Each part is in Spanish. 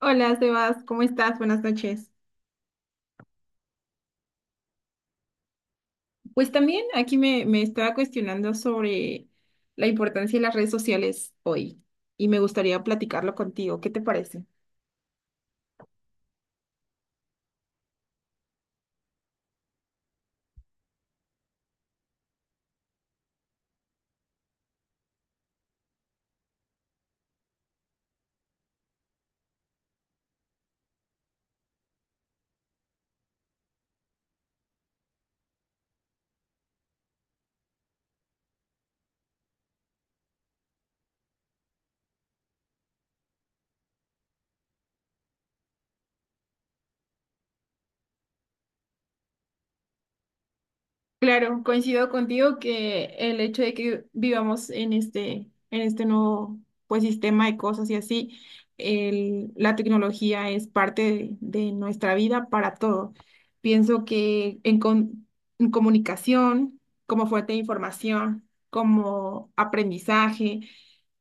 Hola, Sebas, ¿cómo estás? Buenas noches. Pues también aquí me estaba cuestionando sobre la importancia de las redes sociales hoy y me gustaría platicarlo contigo. ¿Qué te parece? Claro, coincido contigo que el hecho de que vivamos en este nuevo pues, sistema de cosas y así, la tecnología es parte de nuestra vida para todo. Pienso que en comunicación, como fuente de información, como aprendizaje,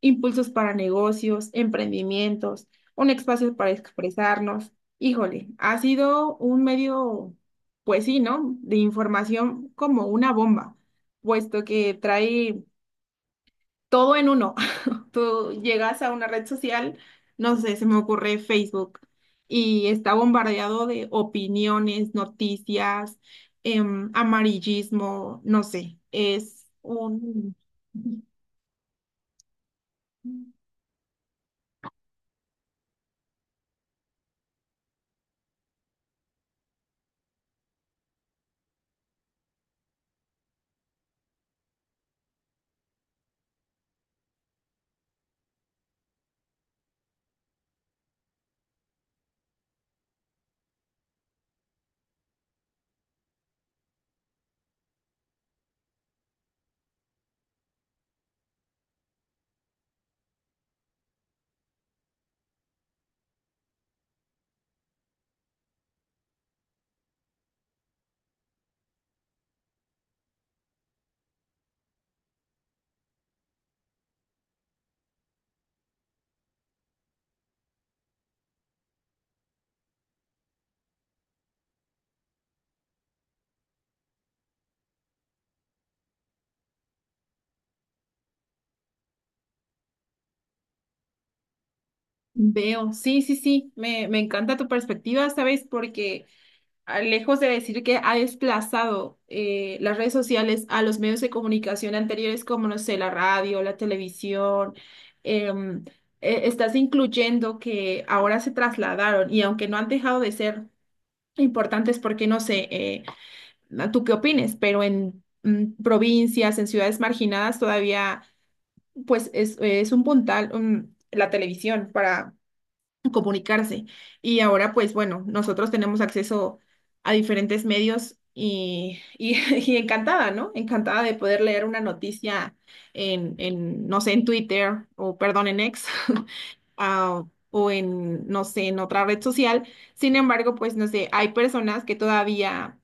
impulsos para negocios, emprendimientos, un espacio para expresarnos. Híjole, ha sido un medio pues sí, ¿no? De información como una bomba, puesto que trae todo en uno. Tú llegas a una red social, no sé, se me ocurre Facebook, y está bombardeado de opiniones, noticias, amarillismo, no sé, es un... Veo, sí, sí, sí, me encanta tu perspectiva, ¿sabes? Porque lejos de decir que ha desplazado las redes sociales a los medios de comunicación anteriores, como, no sé, la radio, la televisión, em, estás incluyendo que ahora se trasladaron y aunque no han dejado de ser importantes, porque no sé, ¿tú qué opines? Pero en provincias, en ciudades marginadas, todavía, pues es un puntal, la televisión para comunicarse. Y ahora, pues bueno, nosotros tenemos acceso a diferentes medios y y encantada, ¿no? Encantada de poder leer una noticia en, no sé, en Twitter o, perdón, en X. ah, o en, no sé, en otra red social. Sin embargo, pues no sé, hay personas que todavía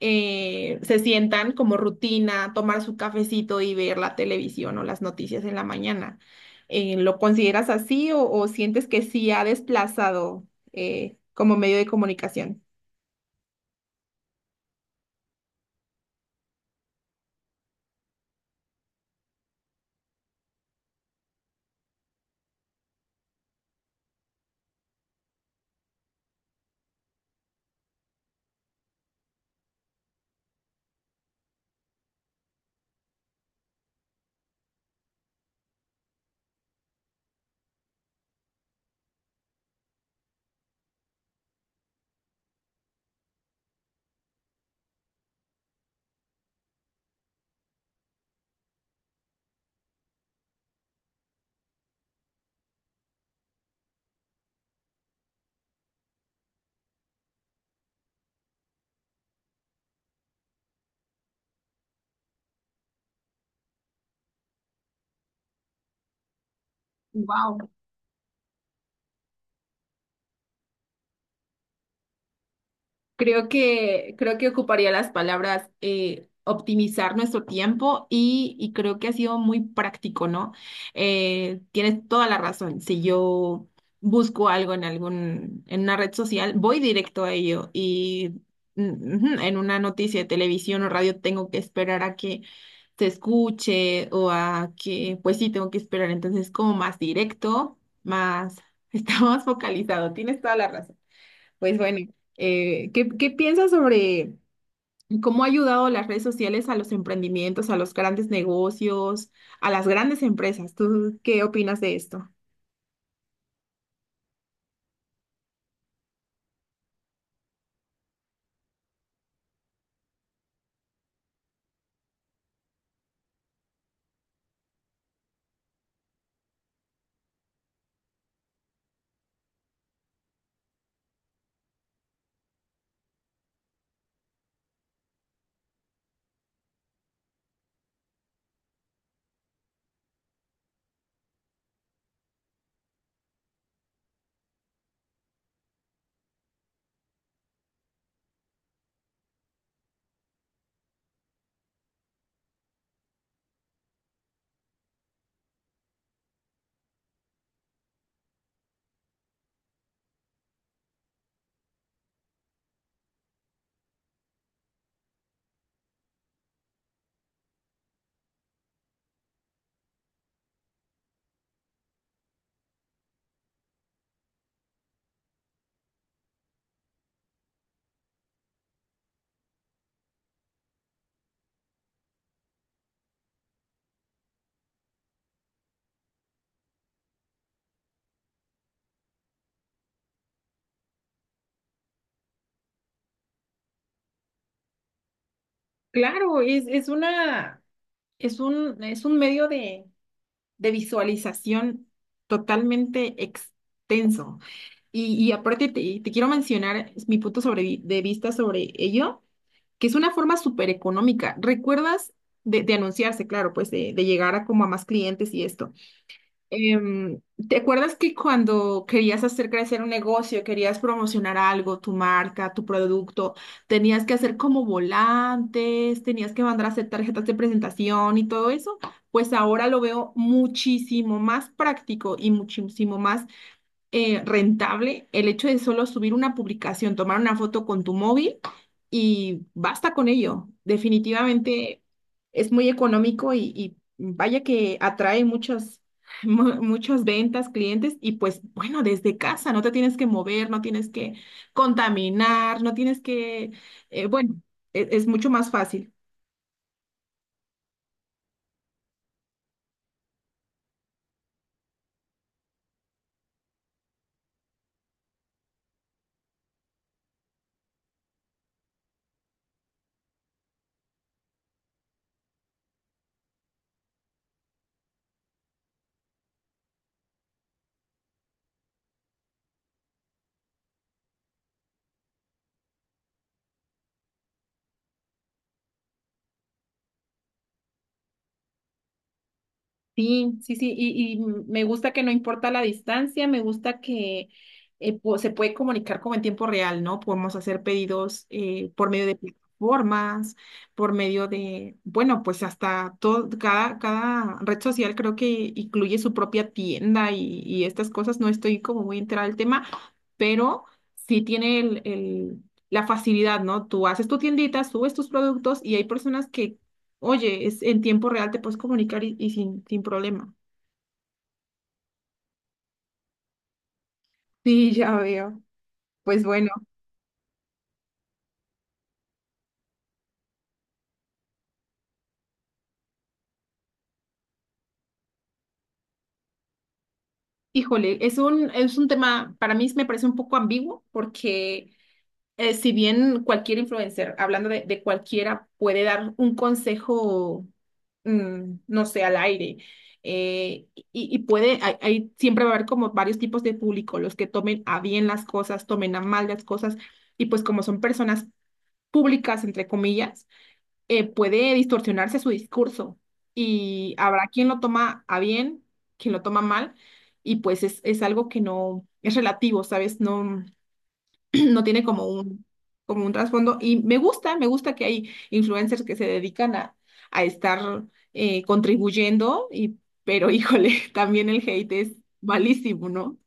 se sientan como rutina tomar su cafecito y ver la televisión o las noticias en la mañana. ¿Lo consideras así o sientes que sí ha desplazado como medio de comunicación? Wow. Creo que ocuparía las palabras optimizar nuestro tiempo y creo que ha sido muy práctico, ¿no? Tienes toda la razón. Si yo busco algo en algún, en una red social, voy directo a ello y ujú, en una noticia de televisión o radio tengo que esperar a que se escuche o a que, pues sí, tengo que esperar. Entonces, como más directo, más, está más focalizado. Tienes toda la razón. Pues bueno, ¿qué, qué piensas sobre cómo ha ayudado las redes sociales a los emprendimientos, a los grandes negocios, a las grandes empresas? ¿Tú qué opinas de esto? Claro, es una, es un medio de visualización totalmente extenso. Y aparte te, te quiero mencionar mi punto sobre, de vista sobre ello, que es una forma súper económica. ¿Recuerdas de anunciarse, claro, pues de llegar a como a más clientes y esto? Em, ¿Te acuerdas que cuando querías hacer crecer un negocio, querías promocionar algo, tu marca, tu producto, tenías que hacer como volantes, tenías que mandar a hacer tarjetas de presentación y todo eso? Pues ahora lo veo muchísimo más práctico y muchísimo más rentable el hecho de solo subir una publicación, tomar una foto con tu móvil y basta con ello. Definitivamente es muy económico y vaya que atrae muchas, muchas ventas, clientes y pues bueno, desde casa no te tienes que mover, no tienes que contaminar, no tienes que, bueno, es mucho más fácil. Sí, sí, sí, y me gusta que no importa la distancia, me gusta que se puede comunicar como en tiempo real, ¿no? Podemos hacer pedidos por medio de plataformas, por medio de, bueno, pues hasta todo, cada, cada red social creo que incluye su propia tienda y estas cosas, no estoy como muy enterada del tema, pero sí tiene la facilidad, ¿no? Tú haces tu tiendita, subes tus productos y hay personas. Oye, es, en tiempo real te puedes comunicar y sin, sin problema. Sí, ya veo. Pues bueno, híjole, es un tema, para mí me parece un poco ambiguo porque si bien cualquier influencer, hablando de cualquiera, puede dar un consejo, no sé, al aire, y puede, hay, siempre va a haber como varios tipos de público, los que tomen a bien las cosas, tomen a mal las cosas, y pues como son personas públicas, entre comillas, puede distorsionarse su discurso y habrá quien lo toma a bien, quien lo toma mal, y pues es algo que no es relativo, ¿sabes? No, no tiene como un trasfondo. Y me gusta que hay influencers que se dedican a estar contribuyendo, y, pero híjole, también el hate es malísimo, ¿no?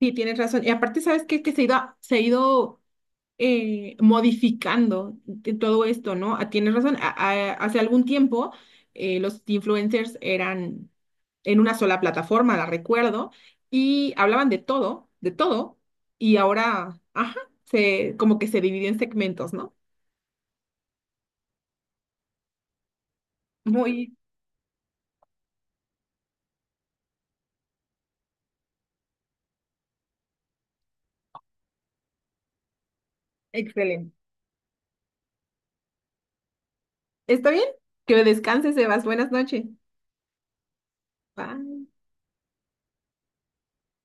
Sí, tienes razón. Y aparte, ¿sabes qué? Que se ha ido modificando de todo esto, ¿no? Ah, tienes razón, hace algún tiempo los influencers eran en una sola plataforma, la recuerdo, y hablaban de todo, y ahora, ajá, se, como que se dividió en segmentos, ¿no? Muy excelente. ¿Está bien? Que descanses, Sebas. Buenas noches. Bye.